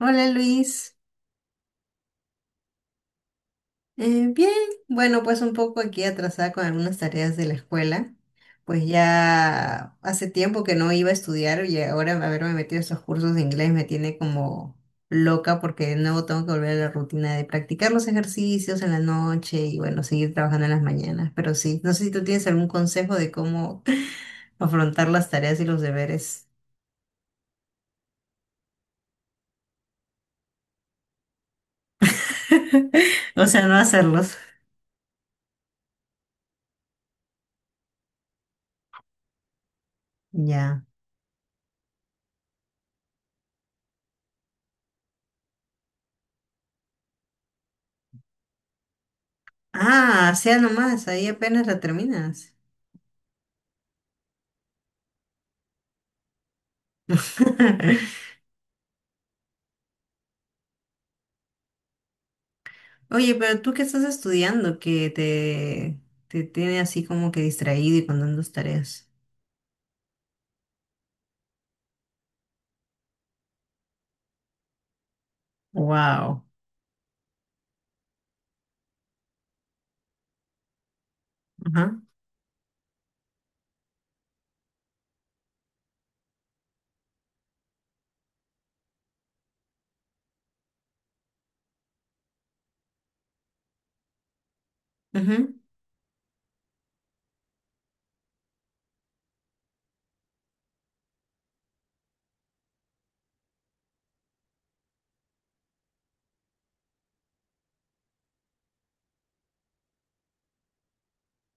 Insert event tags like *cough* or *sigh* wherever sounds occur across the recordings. Hola, Luis. Bien, bueno, pues un poco aquí atrasada con algunas tareas de la escuela. Pues ya hace tiempo que no iba a estudiar y ahora haberme metido a esos cursos de inglés me tiene como loca porque de nuevo tengo que volver a la rutina de practicar los ejercicios en la noche y, bueno, seguir trabajando en las mañanas, pero sí, no sé si tú tienes algún consejo de cómo *laughs* afrontar las tareas y los deberes. *laughs* O sea, no hacerlos. Ya. Ah, sea nomás, ahí apenas la terminas. *laughs* Oye, pero tú qué estás estudiando te tiene así como que distraído y con tantas tareas. Wow. Ajá.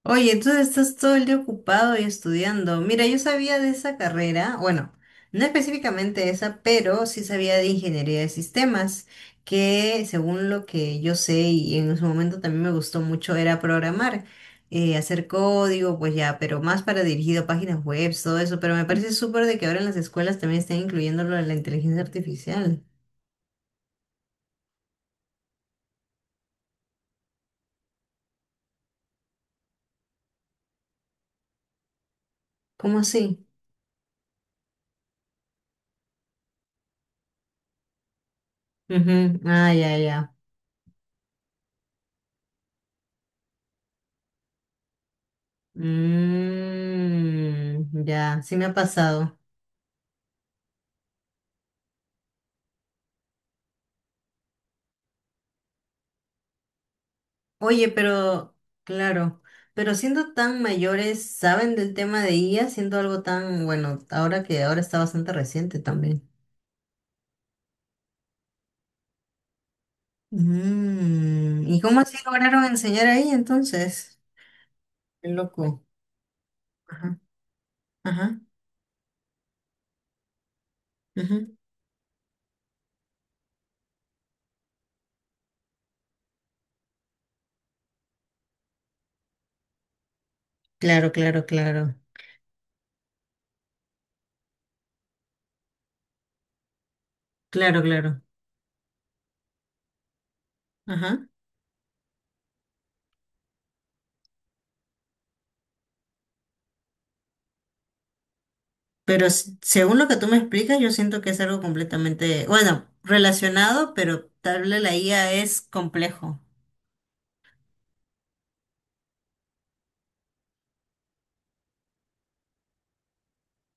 Oye, tú estás todo el día ocupado y estudiando. Mira, yo sabía de esa carrera, bueno, no específicamente esa, pero sí sabía de ingeniería de sistemas, que según lo que yo sé y en su momento también me gustó mucho era programar, hacer código, pues ya, pero más para dirigido a páginas web, todo eso, pero me parece súper de que ahora en las escuelas también estén incluyendo lo de la inteligencia artificial. ¿Cómo así? Ujú. Ah, ya, ya. Mm, ya, sí me ha pasado. Oye, pero claro, pero siendo tan mayores, ¿saben del tema de IA? Siendo algo tan, bueno, ahora que ahora está bastante reciente también. Mm, ¿y cómo así lograron enseñar ahí entonces? Qué loco. Ajá, ajá, ujú. Claro, claro, claro. Claro, claro. Ajá. Pero según lo que tú me explicas, yo siento que es algo completamente, bueno, relacionado, pero tal vez la IA es complejo.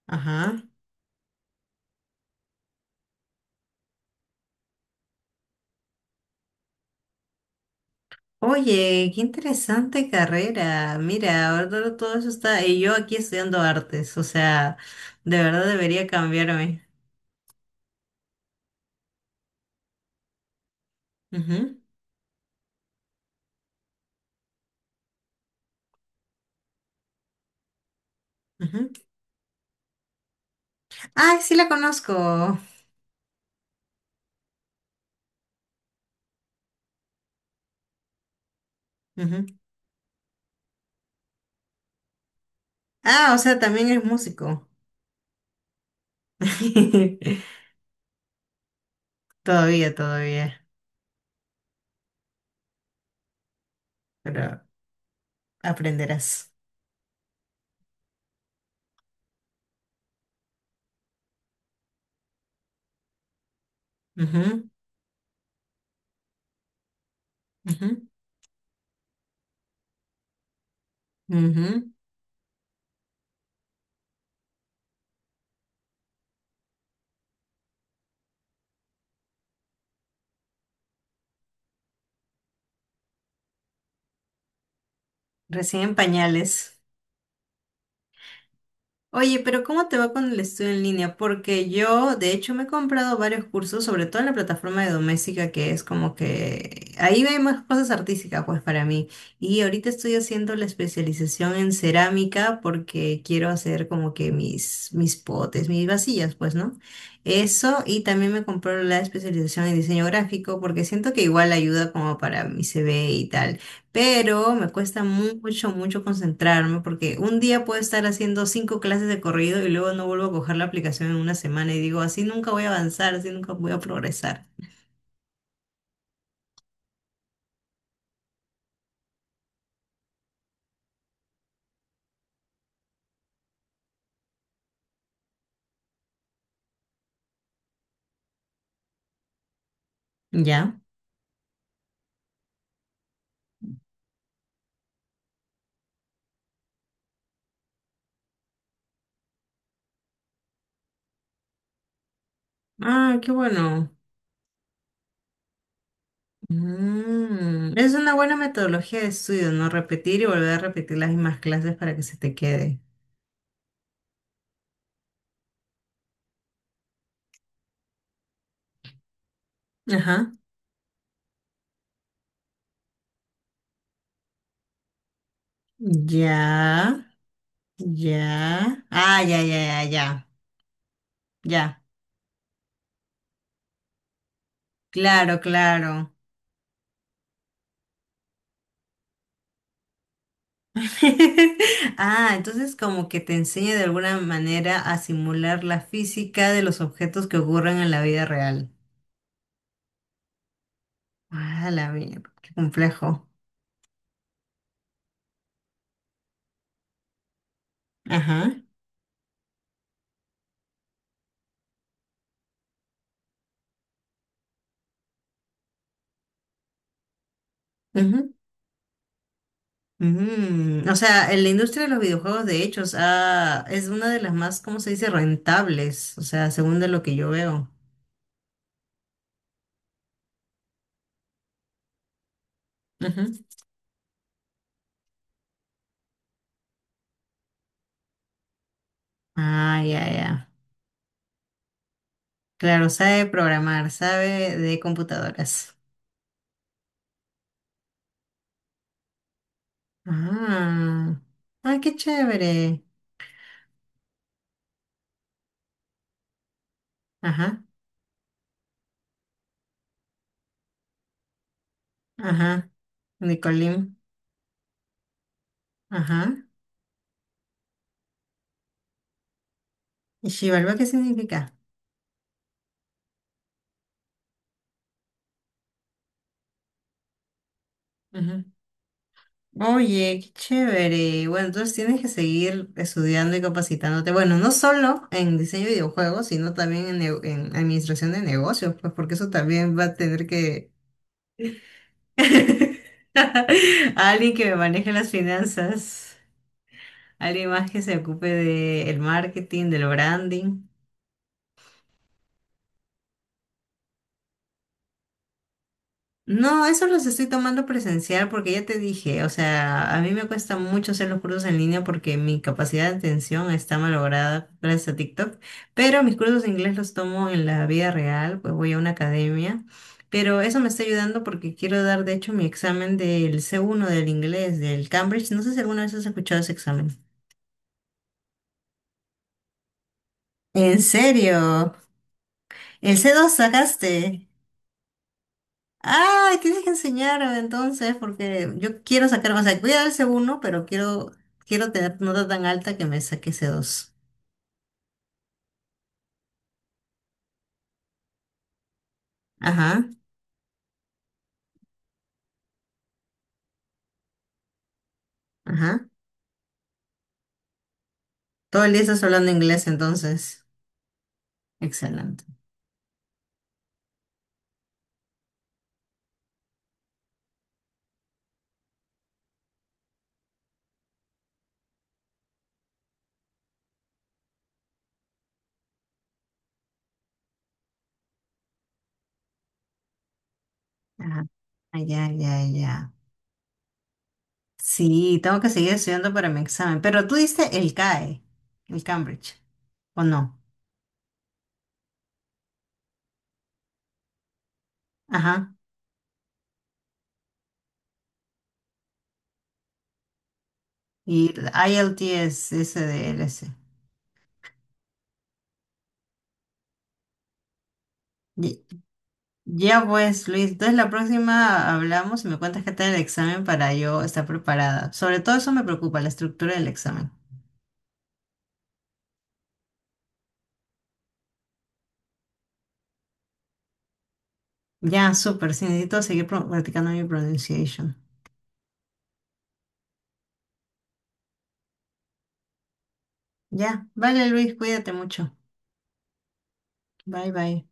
Ajá. Oye, qué interesante carrera. Mira, ahora todo eso está. Y yo aquí estudiando artes, o sea, de verdad debería cambiarme. Ujú, ujú. Ah, sí la conozco. Ujú. Ah, o sea, también es músico. *laughs* Todavía, todavía, pero aprenderás. Ujú, ujú, ujú. Recién en pañales. Oye, pero ¿cómo te va con el estudio en línea? Porque yo, de hecho, me he comprado varios cursos, sobre todo en la plataforma de doméstica, que es como que ahí hay más cosas artísticas, pues para mí. Y ahorita estoy haciendo la especialización en cerámica porque quiero hacer como que mis potes, mis vasillas, pues, ¿no? Eso, y también me compré la especialización en diseño gráfico porque siento que igual ayuda como para mi CV y tal, pero me cuesta mucho, mucho concentrarme porque un día puedo estar haciendo 5 clases de corrido y luego no vuelvo a coger la aplicación en una semana y digo, así nunca voy a avanzar, así nunca voy a progresar. ¿Ya? Ah, qué bueno. Mm, es una buena metodología de estudio, ¿no? Repetir y volver a repetir las mismas clases para que se te quede. Ajá. Ya, ya. Ah, ya, ya, ya, ya. Ya. Claro, claro. *laughs* Ah, entonces como que te enseña de alguna manera a simular la física de los objetos que ocurren en la vida real. Ah, la mierda, qué complejo. Ajá, ujú, mm. O sea, en la industria de los videojuegos, de hecho, o sea, es una de las más, ¿cómo se dice?, rentables, o sea, según de lo que yo veo. Ujú. Ah, ya, ya. Claro, sabe programar, sabe de computadoras. Ah, ah, qué chévere. Ajá, ajá, Nicolín. Ajá. ¿Y Xibalba qué significa? Ajá. Oye, qué chévere. Bueno, entonces tienes que seguir estudiando y capacitándote. Bueno, no solo en diseño de videojuegos, sino también en, en administración de negocios, pues porque eso también va a tener que... *laughs* Alguien que me maneje las finanzas, alguien más que se ocupe del marketing, del branding. No, eso los estoy tomando presencial porque ya te dije, o sea, a mí me cuesta mucho hacer los cursos en línea porque mi capacidad de atención está malograda gracias a TikTok, pero mis cursos de inglés los tomo en la vida real, pues voy a una academia, pero eso me está ayudando porque quiero dar de hecho mi examen del C1 del inglés, del Cambridge, no sé si alguna vez has escuchado ese examen. ¿En serio? ¿El C2 sacaste? Ah, tienes que enseñarme entonces, porque yo quiero sacar, o sea, voy a dar ese uno, pero quiero, quiero tener nota tan alta que me saque ese dos. Ajá, ajá. Todo el día estás hablando inglés, entonces. Excelente. Ajá. Ah, ya, ya, ya. Sí, tengo que seguir estudiando para mi examen. Pero tú diste el CAE, el Cambridge, ¿o no? Ajá. Y el IELTS, ese de LS. Ya pues, Luis, entonces la próxima hablamos y me cuentas qué tal el examen para yo estar preparada. Sobre todo eso me preocupa, la estructura del examen. Ya, súper, sí, necesito seguir practicando mi pronunciation. Ya, vale Luis, cuídate mucho. Bye bye.